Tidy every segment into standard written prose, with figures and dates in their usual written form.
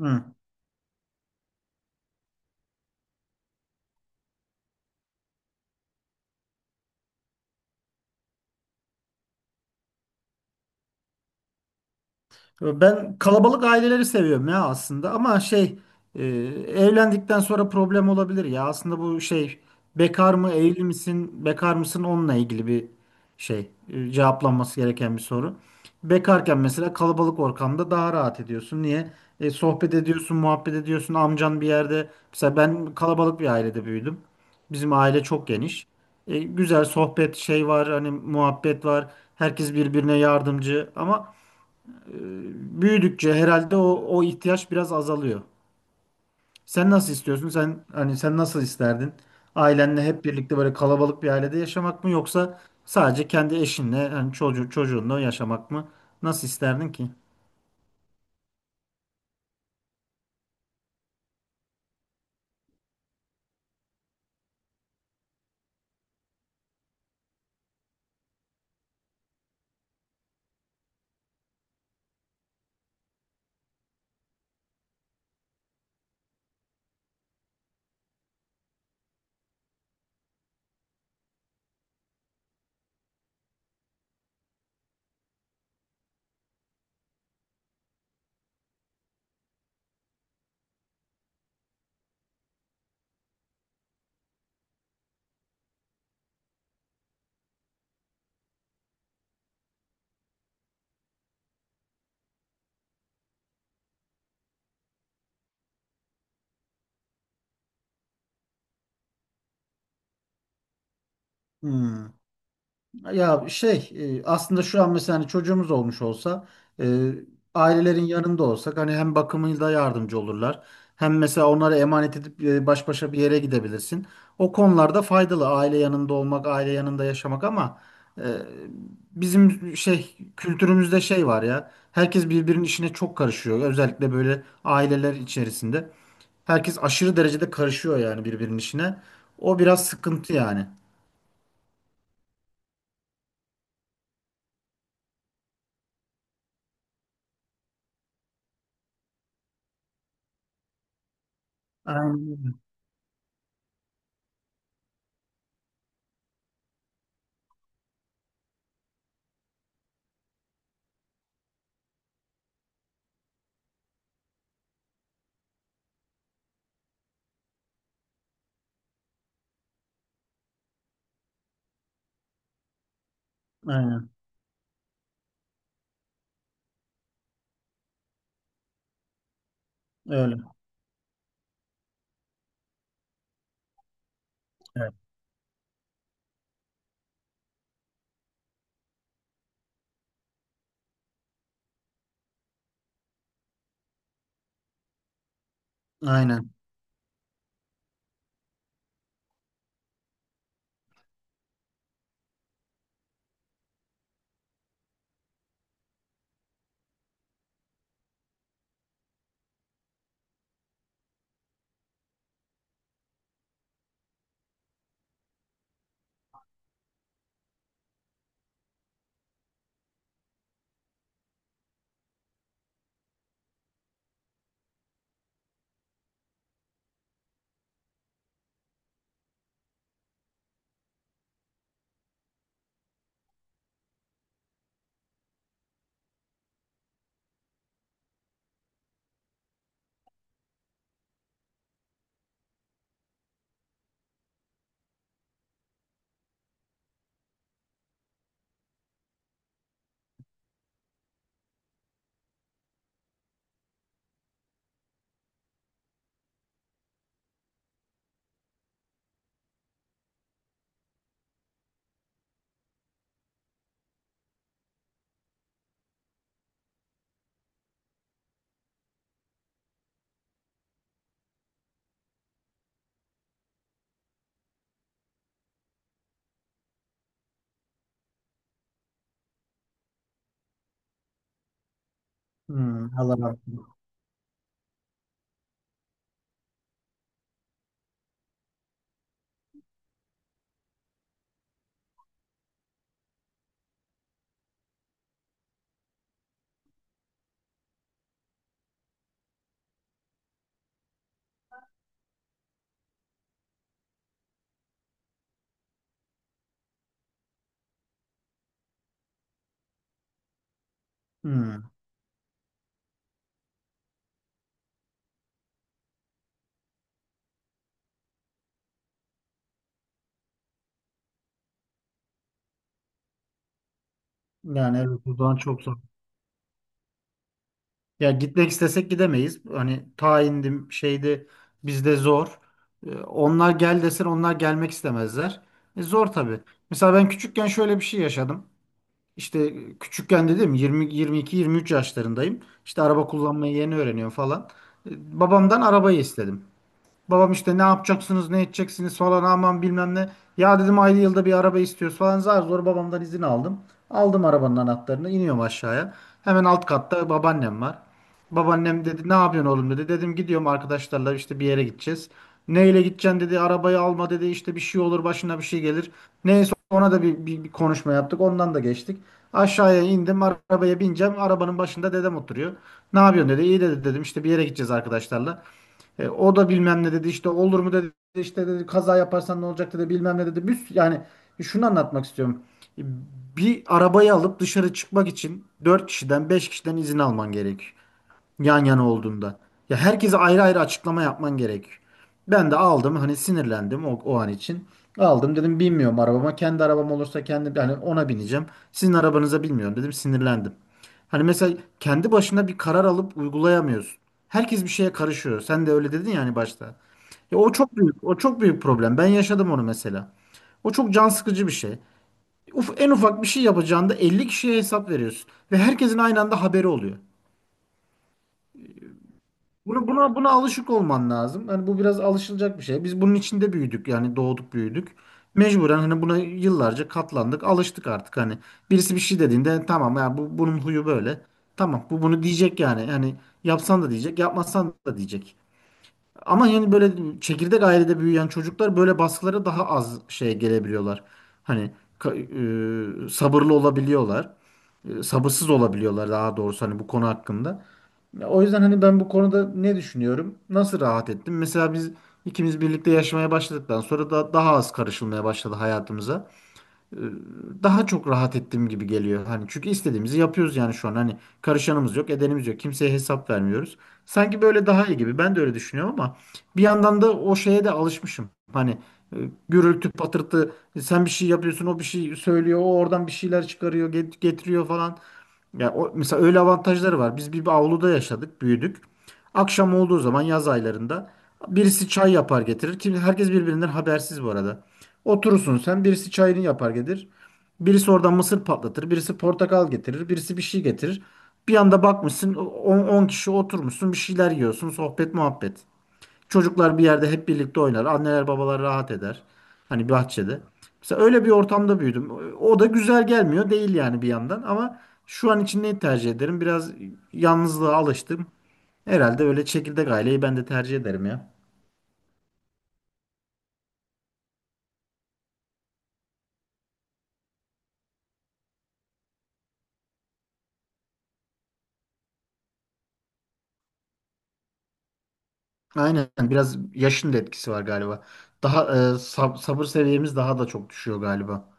Hı. Ben kalabalık aileleri seviyorum ya aslında ama şey e, evlendikten sonra problem olabilir ya aslında bu şey bekar mı evli misin bekar mısın onunla ilgili bir şey cevaplanması gereken bir soru. Bekarken mesela kalabalık ortamda daha rahat ediyorsun. Niye? Sohbet ediyorsun, muhabbet ediyorsun. Amcan bir yerde, mesela ben kalabalık bir ailede büyüdüm. Bizim aile çok geniş. Güzel sohbet şey var, hani muhabbet var. Herkes birbirine yardımcı ama e, büyüdükçe herhalde o ihtiyaç biraz azalıyor. Sen nasıl istiyorsun? Sen hani sen nasıl isterdin? Ailenle hep birlikte böyle kalabalık bir ailede yaşamak mı, yoksa sadece kendi eşinle hani çocuğunla yaşamak mı? Nasıl isterdin ki? Hmm. Ya şey aslında şu an mesela hani çocuğumuz olmuş olsa e, ailelerin yanında olsak, hani hem bakımıyla yardımcı olurlar. Hem mesela onlara emanet edip baş başa bir yere gidebilirsin. O konularda faydalı aile yanında olmak, aile yanında yaşamak, ama Ee, bizim şey kültürümüzde şey var ya. Herkes birbirinin işine çok karışıyor. Özellikle böyle aileler içerisinde. Herkes aşırı derecede karışıyor yani birbirinin işine. O biraz sıkıntı yani. Aynen, aynen öyle. Evet. Aynen. Hmm, Allah razı olsun. Hmm. Yani evet, o zaman çok zor. Ya gitmek istesek gidemeyiz. Hani tayindim şeydi, bizde zor. Onlar gel desen onlar gelmek istemezler. Zor tabii. Mesela ben küçükken şöyle bir şey yaşadım. İşte küçükken dedim, 20 22 23 yaşlarındayım. İşte araba kullanmayı yeni öğreniyorum falan. Babamdan arabayı istedim. Babam işte ne yapacaksınız, ne edeceksiniz falan, aman bilmem ne. Ya dedim, ayda yılda bir araba istiyoruz falan, zar zor babamdan izin aldım. Aldım arabanın anahtarını, iniyorum aşağıya. Hemen alt katta babaannem var. Babaannem dedi, ne yapıyorsun oğlum dedi. Dedim, gidiyorum arkadaşlarla, işte bir yere gideceğiz. Neyle gideceksin dedi, arabayı alma dedi, işte bir şey olur, başına bir şey gelir. Neyse ona da bir konuşma yaptık, ondan da geçtik. Aşağıya indim, arabaya bineceğim, arabanın başında dedem oturuyor. Ne yapıyorsun dedi, iyi dedi, dedim işte bir yere gideceğiz arkadaşlarla. O da bilmem ne dedi, işte olur mu dedi, işte dedi kaza yaparsan ne olacak dedi, bilmem ne dedi. Yani şunu anlatmak istiyorum. E, Bir arabayı alıp dışarı çıkmak için 4 kişiden 5 kişiden izin alman gerek, yan yana olduğunda. Ya herkese ayrı ayrı açıklama yapman gerekiyor. Ben de aldım hani sinirlendim o an için. Aldım dedim bilmiyorum arabama. Kendi arabam olursa kendi, yani ona bineceğim. Sizin arabanıza bilmiyorum dedim, sinirlendim. Hani mesela kendi başına bir karar alıp uygulayamıyorsun. Herkes bir şeye karışıyor. Sen de öyle dedin ya hani başta. Ya o çok büyük, o çok büyük problem. Ben yaşadım onu mesela. O çok can sıkıcı bir şey. Uf, en ufak bir şey yapacağında 50 kişiye hesap veriyorsun ve herkesin aynı anda haberi oluyor. Bunu buna buna alışık olman lazım. Hani bu biraz alışılacak bir şey. Biz bunun içinde büyüdük, yani doğduk büyüdük. Mecburen hani buna yıllarca katlandık, alıştık artık hani. Birisi bir şey dediğinde, "E, tamam ya, bu bunun huyu böyle. Tamam, bu bunu diyecek yani. Yani yapsan da diyecek, yapmasan da diyecek. Ama yani böyle çekirdek ailede büyüyen çocuklar böyle baskılara daha az şey gelebiliyorlar. Hani sabırlı olabiliyorlar. Sabırsız olabiliyorlar daha doğrusu, hani bu konu hakkında. O yüzden hani ben bu konuda ne düşünüyorum? Nasıl rahat ettim? Mesela biz ikimiz birlikte yaşamaya başladıktan sonra da daha az karışılmaya başladı hayatımıza. Ee, Daha çok rahat ettiğim gibi geliyor. Hani çünkü istediğimizi yapıyoruz yani şu an. Hani karışanımız yok, edenimiz yok. Kimseye hesap vermiyoruz. Sanki böyle daha iyi gibi. Ben de öyle düşünüyorum, ama bir yandan da o şeye de alışmışım. Hani e, gürültü, patırtı, sen bir şey yapıyorsun, o bir şey söylüyor, o oradan bir şeyler çıkarıyor, getiriyor falan. Ya o, mesela öyle avantajları var. Biz bir avluda yaşadık, büyüdük. Akşam olduğu zaman yaz aylarında birisi çay yapar getirir. Kim, herkes birbirinden habersiz bu arada. Oturursun sen, birisi çayını yapar getirir. Birisi oradan mısır patlatır, birisi portakal getirir, birisi bir şey getirir. Bir anda bakmışsın 10 kişi oturmuşsun, bir şeyler yiyorsun, sohbet muhabbet. Çocuklar bir yerde hep birlikte oynar. Anneler babalar rahat eder. Hani bahçede. Mesela öyle bir ortamda büyüdüm. O da güzel gelmiyor değil yani bir yandan, ama şu an için neyi tercih ederim? Biraz yalnızlığa alıştım. Herhalde öyle, çekirdek aileyi ben de tercih ederim ya. Aynen, biraz yaşın da etkisi var galiba. Daha sabır seviyemiz daha da çok düşüyor galiba.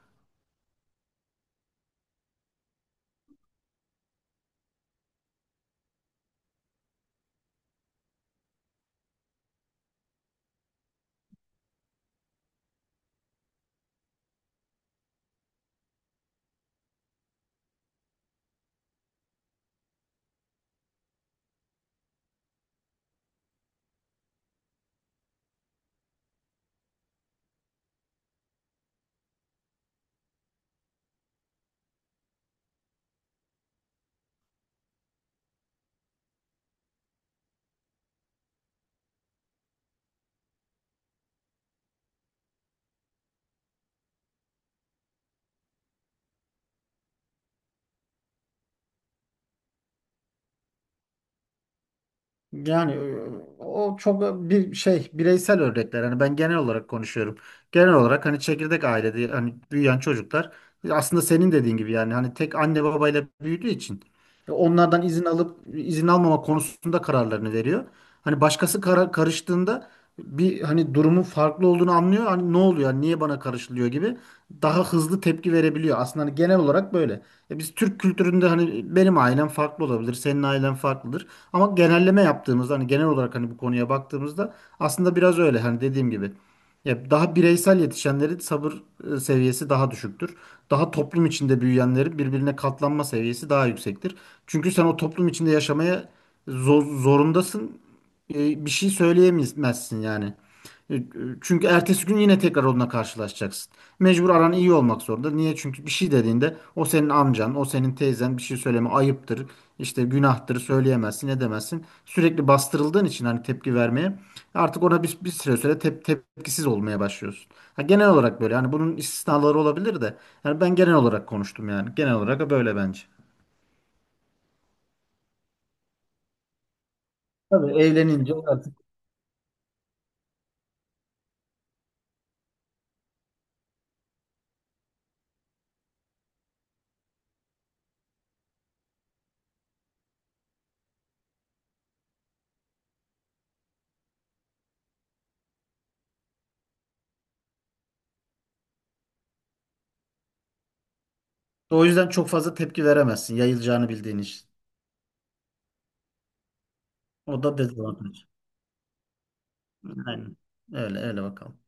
Yani o çok bir şey, bireysel örnekler. Hani ben genel olarak konuşuyorum. Genel olarak hani çekirdek ailede hani büyüyen çocuklar aslında senin dediğin gibi, yani hani tek anne babayla büyüdüğü için onlardan izin alıp izin almama konusunda kararlarını veriyor. Hani başkası karıştığında bir hani durumun farklı olduğunu anlıyor. Hani ne oluyor? Hani niye bana karışılıyor gibi daha hızlı tepki verebiliyor. Aslında hani genel olarak böyle. E biz Türk kültüründe hani benim ailem farklı olabilir, senin ailen farklıdır. Ama genelleme yaptığımızda hani genel olarak hani bu konuya baktığımızda aslında biraz öyle, hani dediğim gibi. Ya daha bireysel yetişenlerin sabır seviyesi daha düşüktür. Daha toplum içinde büyüyenlerin birbirine katlanma seviyesi daha yüksektir. Çünkü sen o toplum içinde yaşamaya zorundasın. Bir şey söyleyemezsin yani. E, e, Çünkü ertesi gün yine tekrar onunla karşılaşacaksın. Mecbur aran iyi olmak zorunda. Niye? Çünkü bir şey dediğinde o senin amcan, o senin teyzen, bir şey söyleme ayıptır. İşte günahtır, söyleyemezsin, edemezsin. Sürekli bastırıldığın için hani tepki vermeye artık, ona bir süre tepkisiz olmaya başlıyorsun. Ha, genel olarak böyle hani, bunun istisnaları olabilir de, yani ben genel olarak konuştum, yani genel olarak böyle bence. Tabii evlenince artık o yüzden çok fazla tepki veremezsin, yayılacağını bildiğin için. O da dezavantaj. Aynen. Öyle öyle bakalım.